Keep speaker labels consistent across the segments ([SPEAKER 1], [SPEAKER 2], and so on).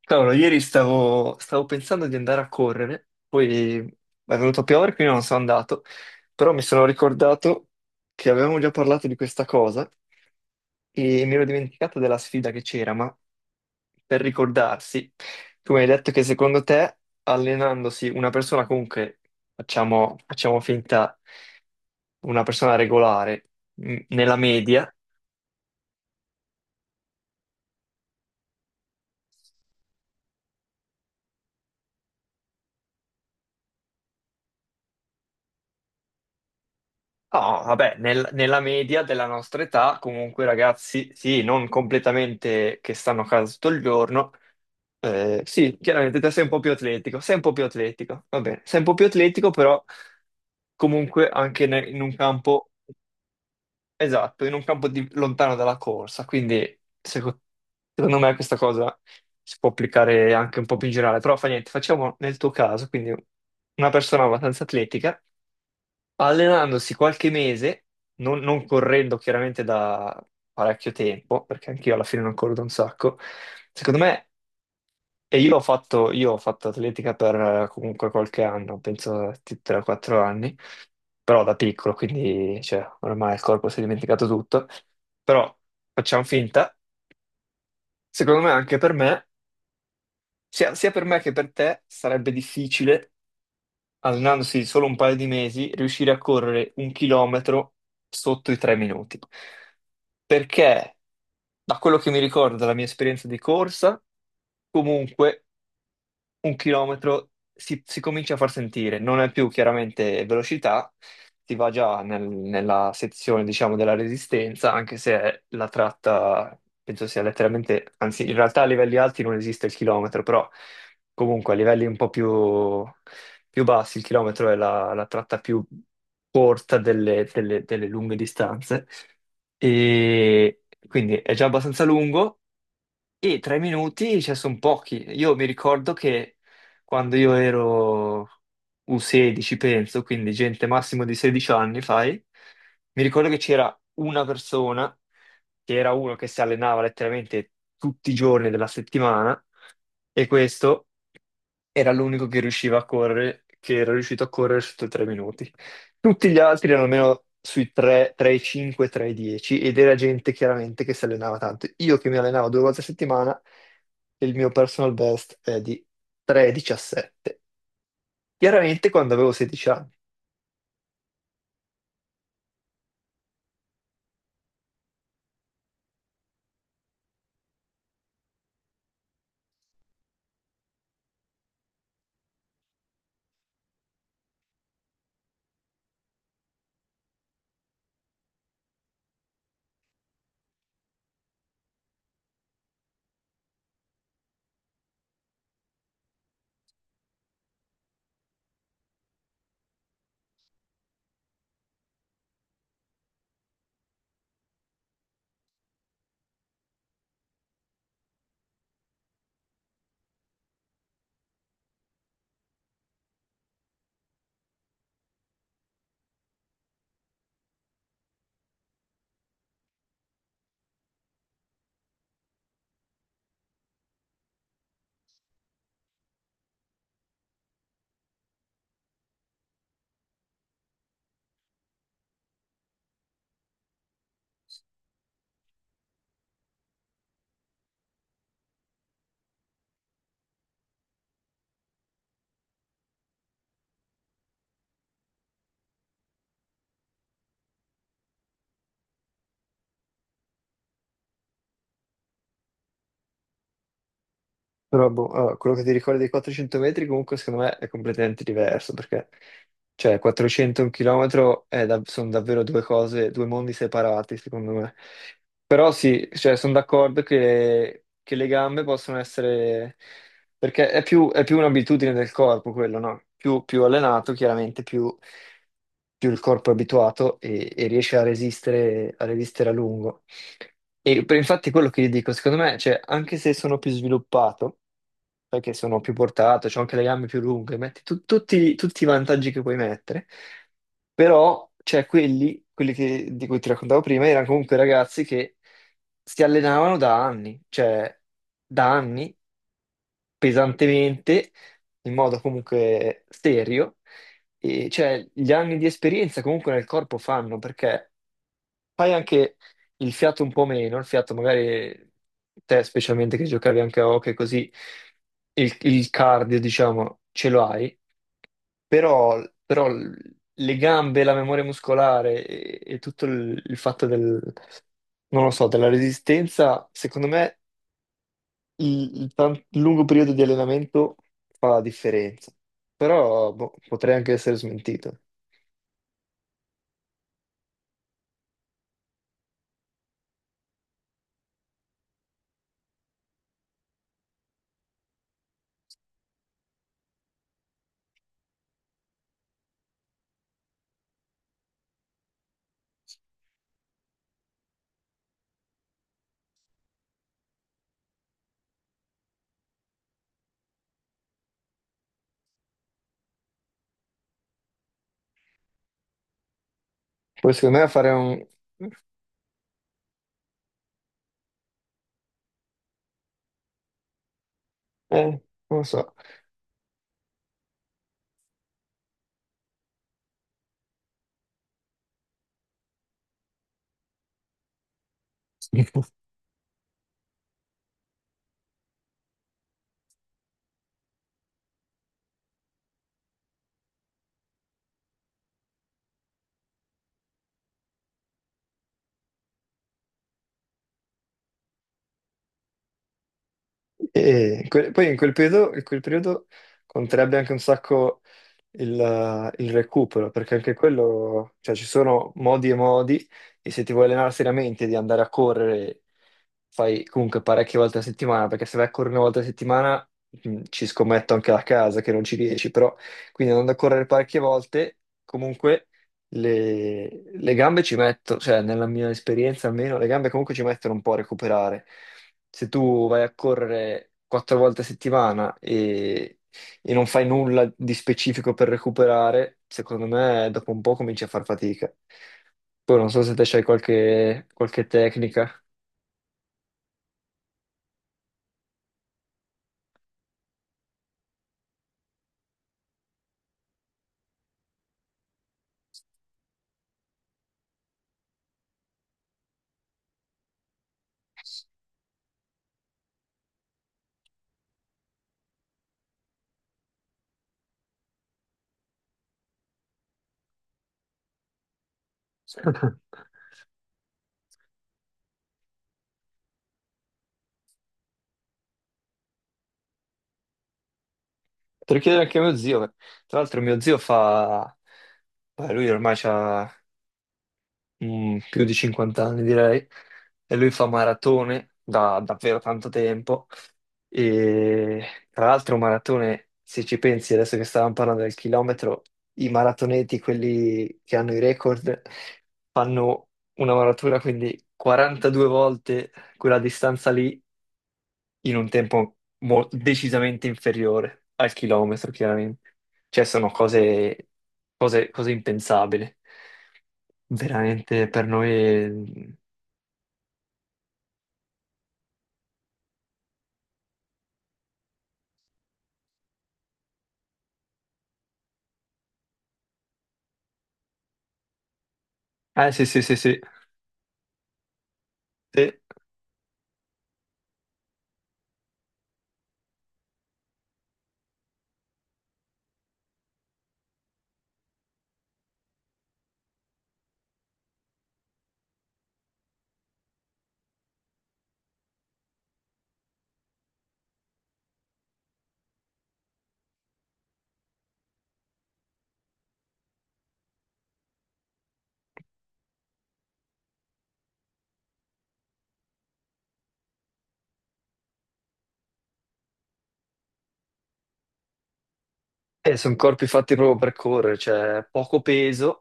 [SPEAKER 1] Cavolo, ieri stavo pensando di andare a correre, poi è venuto a piovere, quindi non sono andato, però mi sono ricordato che avevamo già parlato di questa cosa e mi ero dimenticato della sfida che c'era, ma per ricordarsi, tu mi hai detto che secondo te allenandosi una persona comunque, facciamo finta, una persona regolare, nella media. No, vabbè, nella media della nostra età, comunque ragazzi, sì, non completamente che stanno a casa tutto il giorno, sì, chiaramente te sei un po' più atletico, sei un po' più atletico, va bene, sei un po' più atletico, però comunque anche in un campo, esatto, in un campo lontano dalla corsa, quindi secondo me questa cosa si può applicare anche un po' più in generale, però fa niente, facciamo nel tuo caso, quindi una persona abbastanza atletica allenandosi qualche mese, non correndo chiaramente da parecchio tempo, perché anch'io alla fine non corro da un sacco, secondo me. Io ho fatto atletica per comunque qualche anno, penso 3-4 anni, però da piccolo, quindi cioè, ormai il corpo si è dimenticato tutto, però facciamo finta, secondo me anche per me, sia per me che per te, sarebbe difficile allenandosi di solo un paio di mesi, riuscire a correre un chilometro sotto i tre minuti. Perché, da quello che mi ricordo dalla mia esperienza di corsa, comunque un chilometro si comincia a far sentire, non è più chiaramente velocità, si va già nella sezione, diciamo, della resistenza, anche se la tratta, penso sia letteralmente, anzi, in realtà a livelli alti non esiste il chilometro, però comunque a livelli un po' più bassi il chilometro è la tratta più corta delle lunghe distanze. E quindi è già abbastanza lungo e tre minuti, cioè, sono pochi. Io mi ricordo che quando io ero U16, penso, quindi gente massimo di 16 anni, fai, mi ricordo che c'era una persona, che era uno che si allenava letteralmente tutti i giorni della settimana, e questo era l'unico che riusciva a correre, che era riuscito a correre sotto i tre minuti. Tutti gli altri erano almeno sui 3, 3,5, 3,10 ed era gente chiaramente che si allenava tanto. Io che mi allenavo due volte a settimana, il mio personal best è di 3,17. Chiaramente quando avevo 16 anni. Però boh, allora, quello che ti ricordi dei 400 metri comunque secondo me è completamente diverso perché cioè 400 e un chilometro è sono davvero due cose, due mondi separati secondo me. Però sì, cioè, sono d'accordo che le gambe possono essere, perché è è più un'abitudine del corpo quello, no? Più allenato chiaramente, più, più il corpo è abituato e riesce a resistere, a resistere a lungo. E infatti quello che gli dico, secondo me, cioè, anche se sono più sviluppato, perché sono più portato, ho anche le gambe più lunghe, metti tutti i vantaggi che puoi mettere, però c'è quelli, di cui ti raccontavo prima, erano comunque ragazzi che si allenavano da anni, cioè da anni, pesantemente, in modo comunque serio, e cioè gli anni di esperienza comunque nel corpo fanno, perché fai anche il fiato un po' meno, il fiato magari te specialmente che giocavi anche a hockey così il cardio diciamo ce lo hai, però le gambe, la memoria muscolare e tutto il fatto del, non lo so, della resistenza, secondo me il lungo periodo di allenamento fa la differenza, però boh, potrei anche essere smentito. Poi secondo me fare un... eh, non lo so. E in poi in quel periodo conterebbe anche un sacco il recupero, perché anche quello, cioè ci sono modi e modi, e se ti vuoi allenare seriamente di andare a correre, fai comunque parecchie volte a settimana, perché se vai a correre una volta a settimana, ci scommetto anche la casa che non ci riesci, però quindi andando a correre parecchie volte, comunque le gambe ci mettono, cioè nella mia esperienza almeno, le gambe comunque ci mettono un po' a recuperare. Se tu vai a correre quattro volte a settimana e non fai nulla di specifico per recuperare, secondo me dopo un po' cominci a far fatica. Poi non so se te c'hai qualche tecnica. Te lo chiedere anche a mio zio. Eh. Tra l'altro mio zio fa... Beh, lui ormai ha più di 50 anni direi e lui fa maratone da davvero tanto tempo. E tra l'altro, maratone, se ci pensi, adesso che stavamo parlando del chilometro, i maratoneti, quelli che hanno i record, fanno una maratura, quindi 42 volte quella distanza lì in un tempo decisamente inferiore al chilometro, chiaramente. Cioè, sono cose, cose impensabili. Veramente per noi. Sì, sì, sì, sì. Sì. Sono corpi fatti proprio per correre, cioè poco peso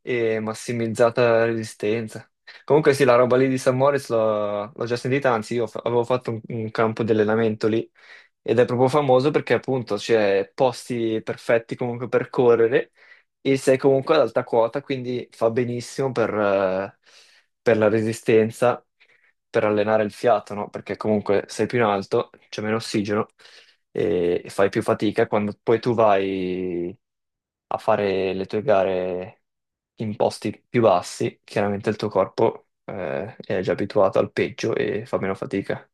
[SPEAKER 1] e massimizzata resistenza. Comunque sì, la roba lì di San Moritz l'ho già sentita, anzi io avevo fatto un campo di allenamento lì ed è proprio famoso perché appunto c'è posti perfetti comunque per correre e sei comunque ad alta quota, quindi fa benissimo per la resistenza, per allenare il fiato, no? Perché comunque sei più in alto, c'è meno ossigeno e fai più fatica quando poi tu vai a fare le tue gare in posti più bassi, chiaramente il tuo corpo, è già abituato al peggio e fa meno fatica.